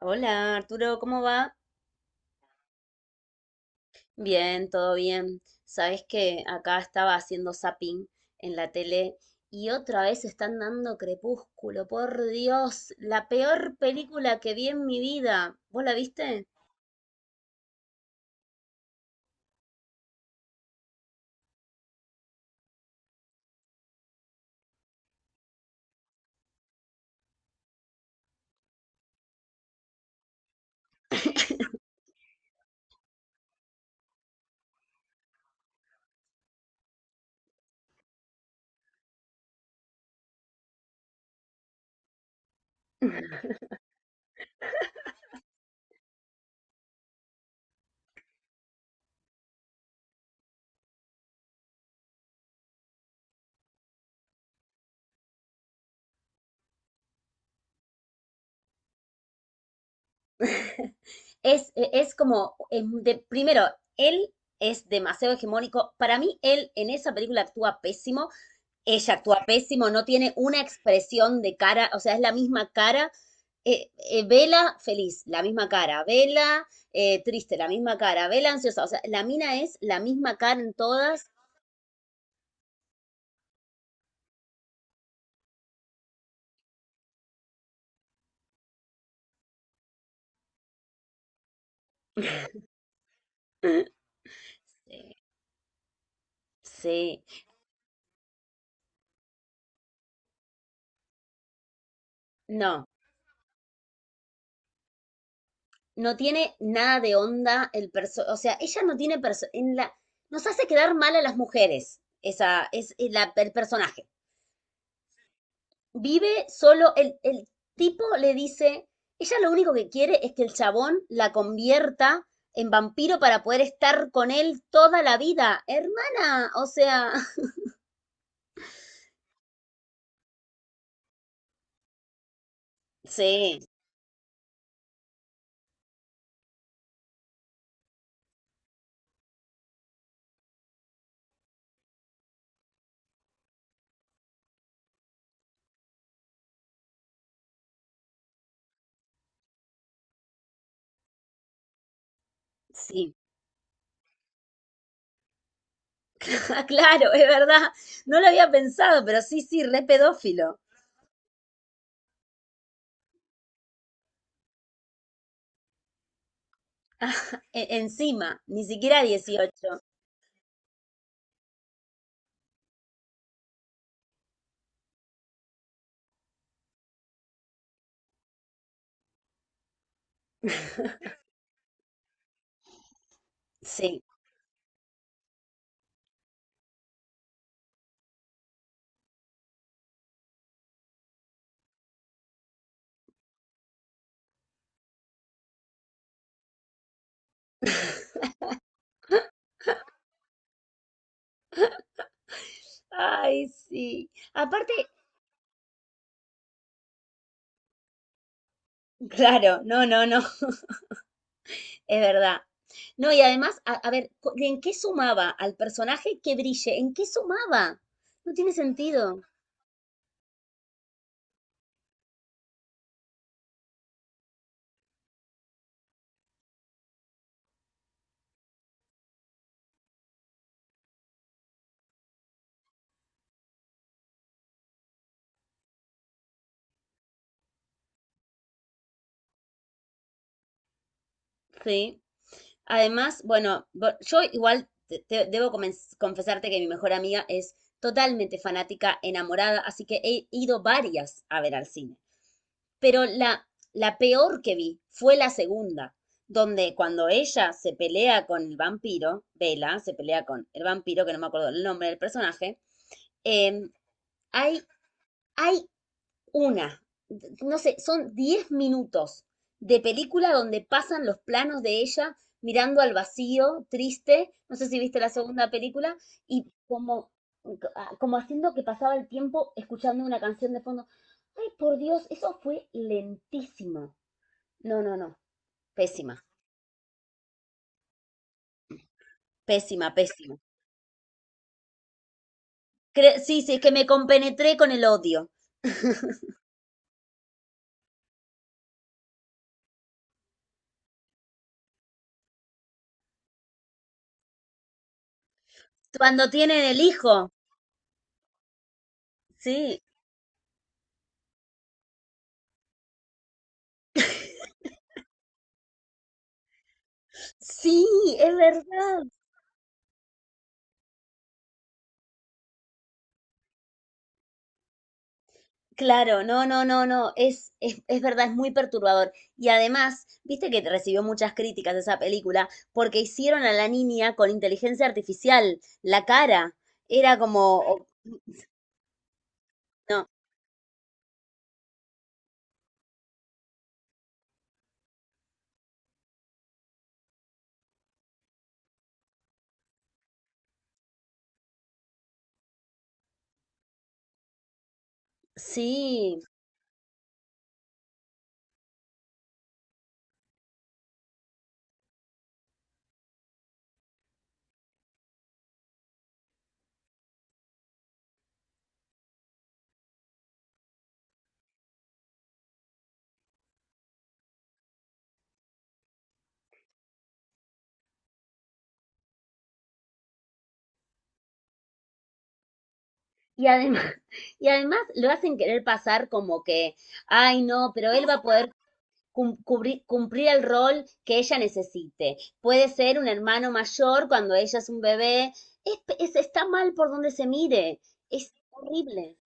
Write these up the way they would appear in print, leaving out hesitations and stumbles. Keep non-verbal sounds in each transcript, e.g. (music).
Hola Arturo, ¿cómo va? Bien, todo bien. Sabes que acá estaba haciendo zapping en la tele y otra vez están dando Crepúsculo. Por Dios, la peor película que vi en mi vida. ¿Vos la viste? (laughs) Es como, primero, él es demasiado hegemónico. Para mí, él en esa película actúa pésimo. Ella actúa pésimo, no tiene una expresión de cara, o sea, es la misma cara. Vela feliz, la misma cara. Vela triste, la misma cara. Vela ansiosa, o sea, la mina es la misma cara en todas. (clears throat) Eh, Sí, no, no tiene nada de onda el perso, o sea, ella no tiene perso en la nos hace quedar mal a las mujeres, esa es el personaje. Vive solo, el tipo le dice, ella lo único que quiere es que el chabón la convierta en vampiro para poder estar con él toda la vida. Hermana, o sea, sí, sí. (laughs) Ah, claro, es verdad. No lo había pensado, pero sí, sí, re pedófilo. (laughs) Encima, ni siquiera 18. Sí. Ay, sí. Aparte, claro, no, no, no. Es verdad. No, y además, a ver, ¿en qué sumaba al personaje que brille? ¿En qué sumaba? No tiene sentido. Sí. Además, bueno, yo igual debo confesarte que mi mejor amiga es totalmente fanática, enamorada, así que he ido varias a ver al cine. Pero la peor que vi fue la segunda, donde cuando ella se pelea con el vampiro, Bella se pelea con el vampiro, que no me acuerdo el nombre del personaje. em, hay, hay una, no sé, son 10 minutos de película donde pasan los planos de ella mirando al vacío, triste, no sé si viste la segunda película, y como haciendo que pasaba el tiempo escuchando una canción de fondo. Ay, por Dios, eso fue lentísimo. No, no, no, pésima, pésima, pésima. Sí, sí, es que me compenetré con el odio. (laughs) Cuando tienen el hijo, sí, sí, es verdad. Claro, no, no, no, no, es verdad, es muy perturbador. Y además, viste que recibió muchas críticas esa película porque hicieron a la niña con inteligencia artificial, la cara. Era como, no, sí. Y además, (laughs) y además lo hacen querer pasar como que, ay, no, pero él va a poder cumplir el rol que ella necesite. Puede ser un hermano mayor cuando ella es un bebé. Está mal por donde se mire. Es horrible.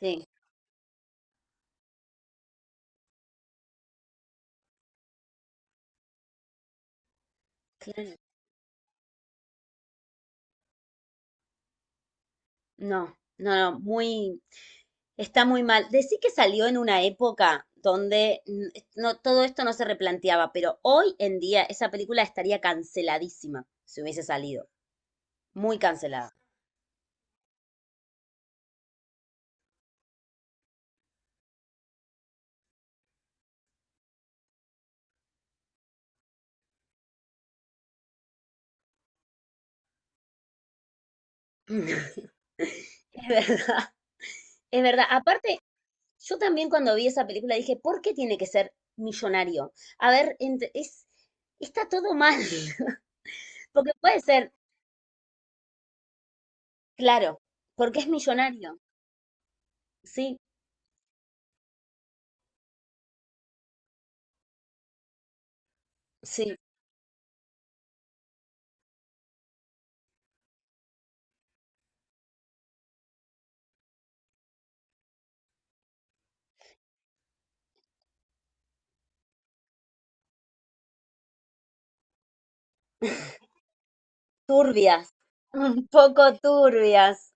Sí. Claro. No, no, no, está muy mal. Decí que salió en una época donde no, todo esto no se replanteaba, pero hoy en día esa película estaría canceladísima si hubiese salido. Muy cancelada. (laughs) Es verdad, es verdad. Aparte, yo también cuando vi esa película dije, ¿por qué tiene que ser millonario? A ver, está todo mal. (laughs) Porque puede ser, claro, porque es millonario. Sí, sí. Turbias, un poco turbias.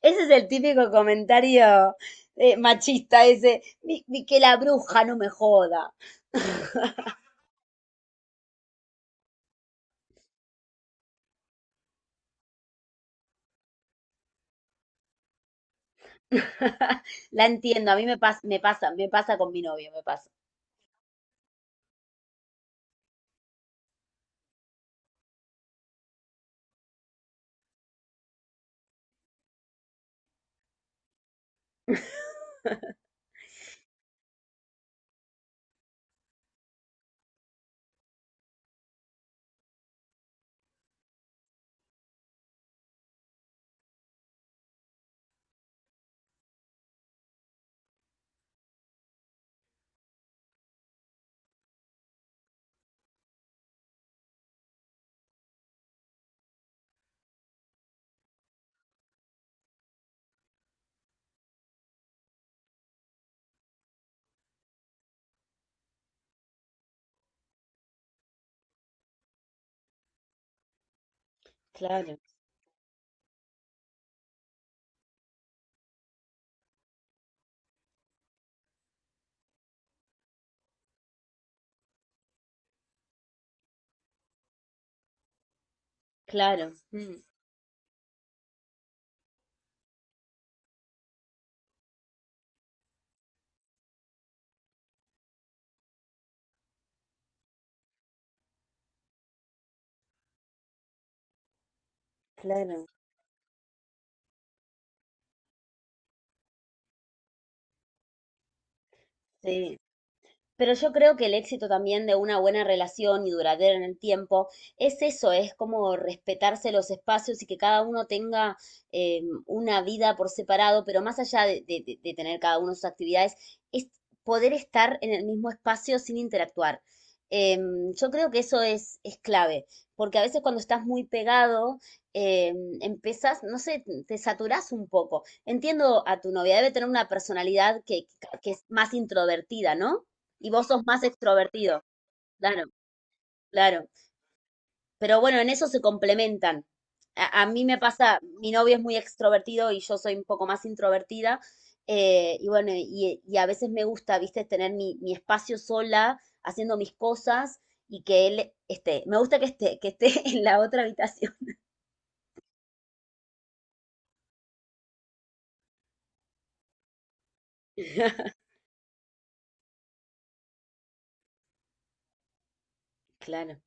Ese es el típico comentario machista, ese, "Ni que la bruja no me joda." (laughs) La entiendo, a mí me pasa, me pasa, me pasa con mi novio, me pasa. Claro, claro, mm, claro, sí. Pero yo creo que el éxito también de una buena relación y duradera en el tiempo es eso, es como respetarse los espacios y que cada uno tenga una vida por separado, pero más allá de, de tener cada uno sus actividades, es poder estar en el mismo espacio sin interactuar. Yo creo que eso es clave, porque a veces cuando estás muy pegado, empezás, no sé, te saturás un poco. Entiendo a tu novia, debe tener una personalidad que es más introvertida, ¿no? Y vos sos más extrovertido, claro, claro. Pero bueno, en eso se complementan. A mí me pasa, mi novio es muy extrovertido y yo soy un poco más introvertida. Y bueno, y a veces me gusta, viste, tener mi espacio sola, haciendo mis cosas y que él esté. Me gusta que esté (laughs) en la otra habitación. (laughs) Claro.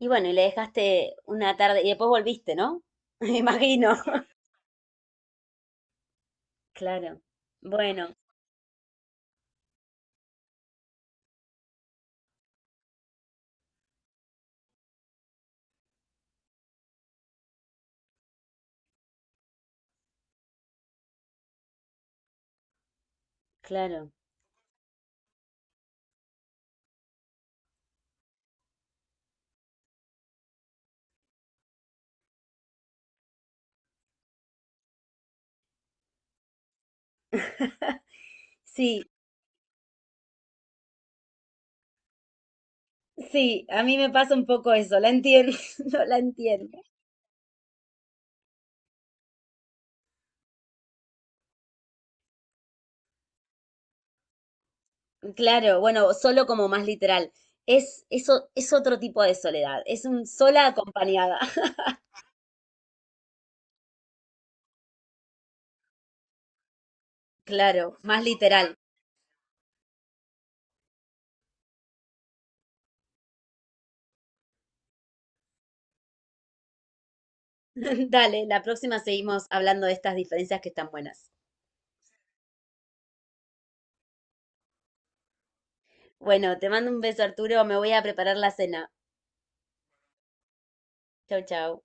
Y bueno, y le dejaste una tarde y después volviste, ¿no? (laughs) Me imagino. Claro. Bueno, claro. Sí, sí, a mí me pasa un poco eso, la entiendo, (laughs) no la entiendo. Claro, bueno, solo como más literal. Eso, es otro tipo de soledad, es un sola acompañada. (laughs) Claro, más literal. (laughs) Dale, la próxima seguimos hablando de estas diferencias que están buenas. Bueno, te mando un beso, Arturo, me voy a preparar la cena. Chau, chau.